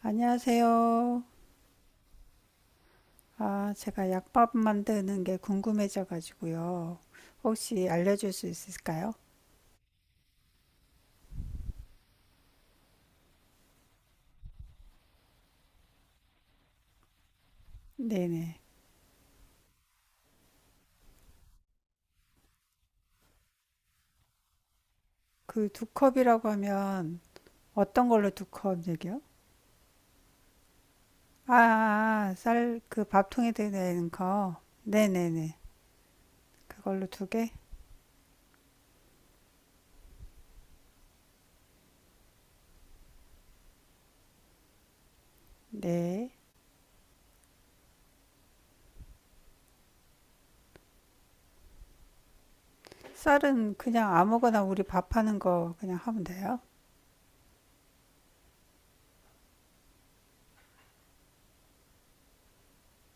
안녕하세요. 아, 제가 약밥 만드는 게 궁금해져가지고요. 혹시 알려줄 수 있을까요? 네네. 그 두 컵이라고 하면 어떤 걸로 두컵 얘기요? 아, 아, 아, 쌀, 그 밥통에 드는 거. 네네네. 그걸로 두 개? 네. 쌀은 그냥 아무거나 우리 밥하는 거 그냥 하면 돼요?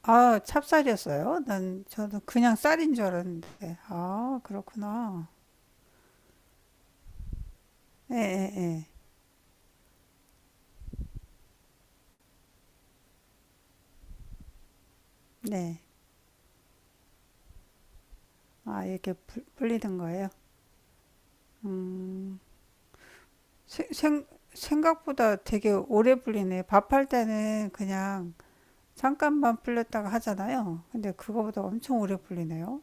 아, 찹쌀이었어요? 난, 저는 그냥 쌀인 줄 알았는데. 아, 그렇구나. 예, 예, 예. 네. 아, 이렇게 불리는 거예요? 음, 세- 생, 생각보다 되게 오래 불리네. 밥할 때는 그냥 잠깐만 불렸다가 하잖아요. 근데 그거보다 엄청 오래 불리네요.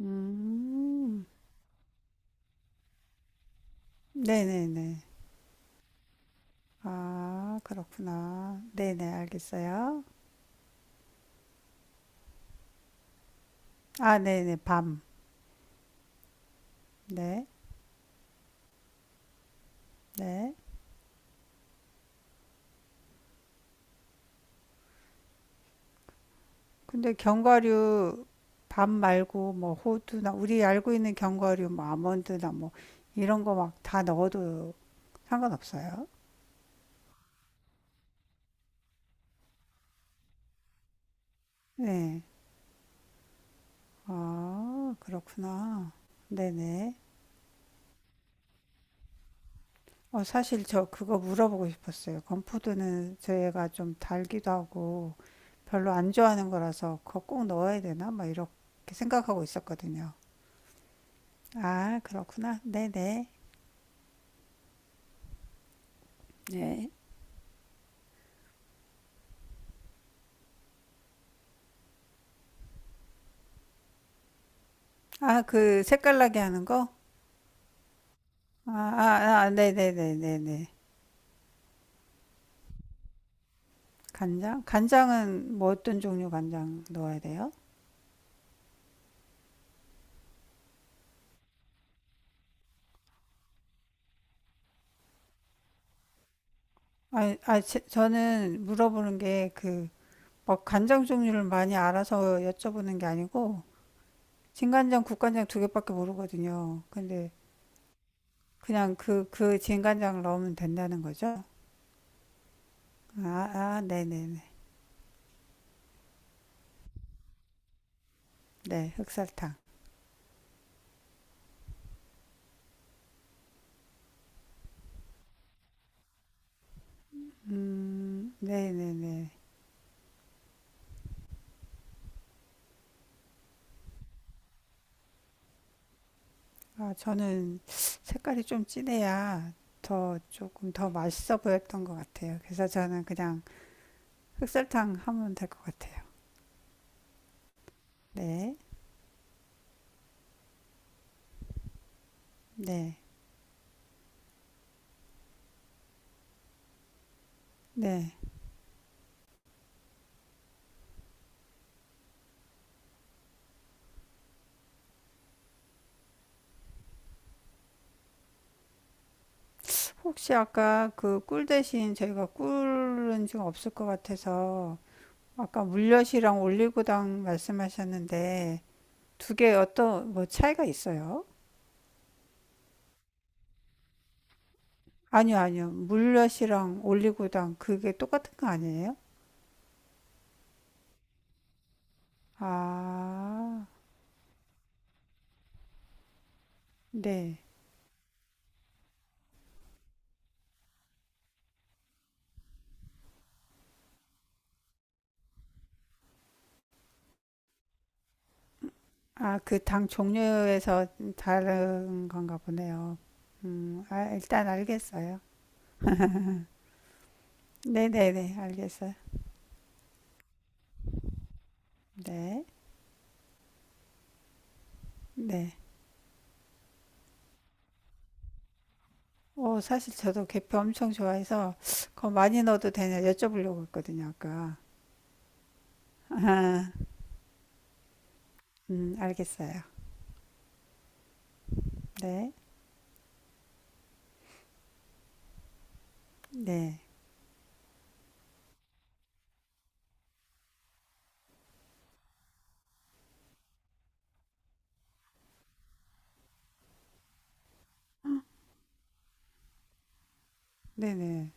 음, 네네네. 아, 그렇구나. 네네, 알겠어요. 아, 네네, 밤. 네, 네. 근데 견과류, 밤 말고 뭐 호두나, 우리 알고 있는 견과류, 뭐 아몬드나 뭐 이런 거 막 다 넣어도 상관없어요? 네. 아, 그렇구나. 네네. 어, 사실 저 그거 물어보고 싶었어요. 건푸드는 저희가 좀 달기도 하고 별로 안 좋아하는 거라서 그거 꼭 넣어야 되나? 막 이렇게 생각하고 있었거든요. 아, 그렇구나. 네네. 네. 아, 그 색깔나게 하는 거? 아, 아, 아, 네네네네네. 간장? 간장은 뭐 어떤 종류 간장 넣어야 돼요? 아, 아, 저는 물어보는 게그 막 간장 종류를 많이 알아서 여쭤보는 게 아니고 진간장, 국간장 두 개밖에 모르거든요. 근데 그냥 그 진간장을 넣으면 된다는 거죠? 아, 아, 네네네. 네, 흑설탕. 네네네. 아, 저는 색깔이 좀 진해야 더 조금 더 맛있어 보였던 것 같아요. 그래서 저는 그냥 흑설탕 하면 될 것 같아요. 네, 네, 네. 혹시 아까 그 꿀 대신 저희가 꿀은 지금 없을 것 같아서 아까 물엿이랑 올리고당 말씀하셨는데 두 개 어떤 뭐 차이가 있어요? 아니요, 아니요. 물엿이랑 올리고당 그게 똑같은 거 아니에요? 아, 네. 아, 그 당 종류에서 다른 건가 보네요. 아, 일단 알겠어요. 네네네, 알겠어요. 네, 네. 어, 사실 저도 계피 엄청 좋아해서 그거 많이 넣어도 되냐 여쭤보려고 했거든요, 아까. 아, 알겠어요. 네. 네. 네네.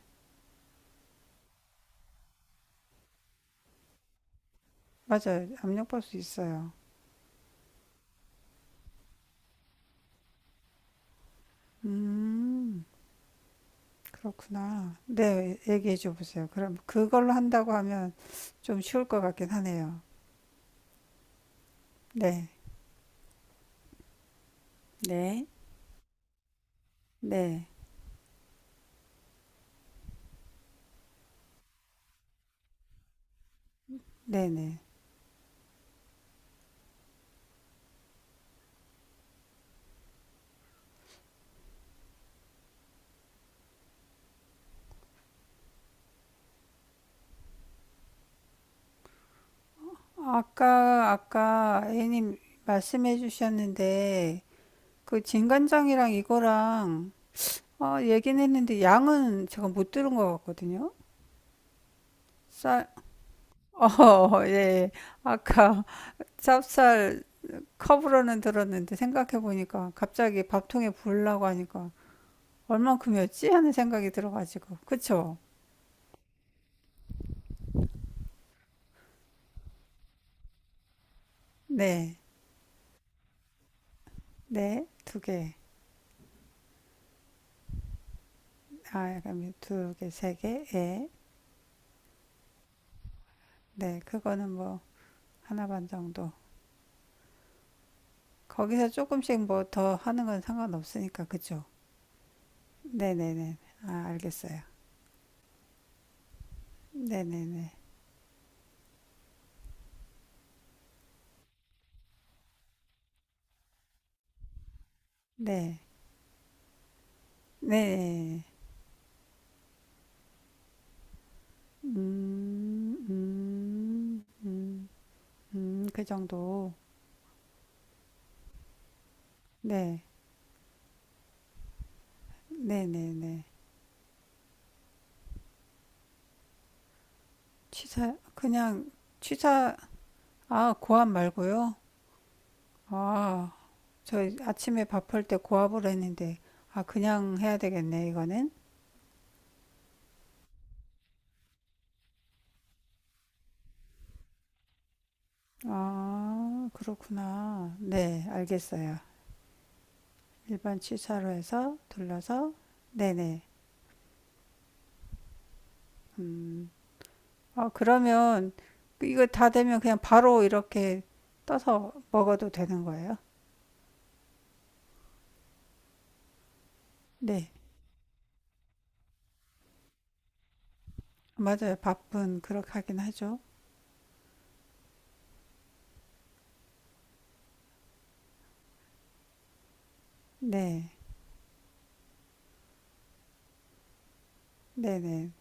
맞아요. 압력밥솥 있어요. 음, 그렇구나. 네, 얘기해 줘 보세요. 그럼 그걸로 한다고 하면 좀 쉬울 것 같긴 하네요. 네. 네. 네, 네네. 아까, 아까 A님 말씀해 주셨는데, 그 진간장이랑 이거랑, 어, 얘기는 했는데, 양은 제가 못 들은 것 같거든요? 쌀, 어, 예. 아까 찹쌀 컵으로는 들었는데 생각해보니까 갑자기 밥통에 부으려고 하니까 얼만큼이었지? 하는 생각이 들어가지고. 그쵸? 네. 네. 두 개. 아, 약간 두 개, 세 개. 예. 네. 그거는 뭐 하나 반 정도. 거기서 조금씩 뭐 더 하는 건 상관없으니까. 그쵸? 네네네. 아, 알겠어요. 네네네. 네. 네. 음, 음, 음, 그 정도. 네. 네네네. 취사, 그냥 취사, 아, 고압 말고요? 아, 저 아침에 밥할 때 고압을 했는데, 아, 그냥 해야 되겠네, 이거는. 아, 그렇구나. 네, 알겠어요. 일반 취사로 해서 둘러서, 네네. 음, 아, 그러면 이거 다 되면 그냥 바로 이렇게 떠서 먹어도 되는 거예요? 네, 맞아요. 밥은 그렇게 하긴 하죠. 네, 네네,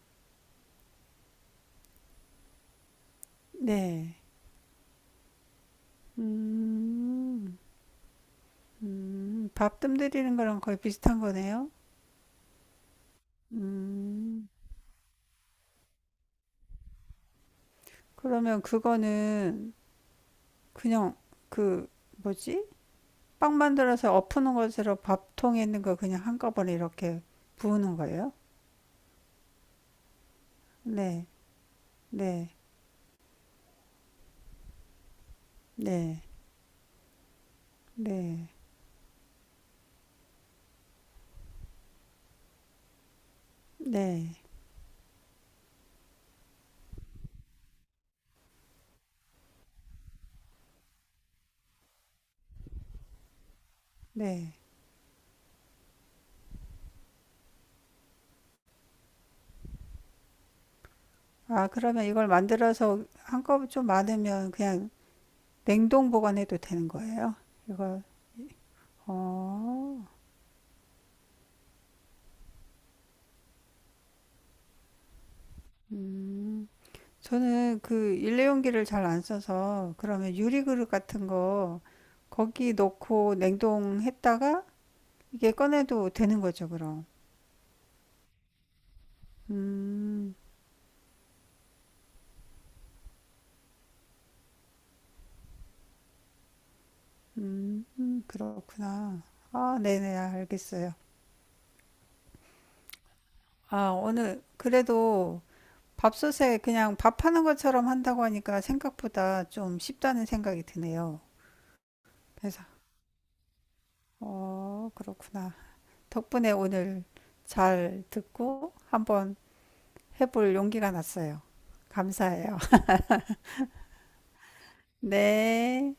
네. 음, 밥뜸 들이는 거랑 거의 비슷한 거네요. 음, 그러면 그거는 그냥 그 뭐지? 빵 만들어서 엎는 것으로 밥통에 있는 거 그냥 한꺼번에 이렇게 부으는 거예요? 네, 네, 네, 네, 네, 네. 아, 그러면 이걸 만들어서 한꺼번에 좀 많으면 그냥 냉동 보관해도 되는 거예요? 이걸, 어, 음. 저는 그 일회용기를 잘 안 써서 그러면 유리그릇 같은 거 거기 넣고 냉동했다가 이게 꺼내도 되는 거죠, 그럼. 음, 그렇구나. 아, 네네, 알겠어요. 아, 오늘 그래도 밥솥에 그냥 밥하는 것처럼 한다고 하니까 생각보다 좀 쉽다는 생각이 드네요. 그래서, 어, 그렇구나. 덕분에 오늘 잘 듣고 한번 해볼 용기가 났어요. 감사해요. 네.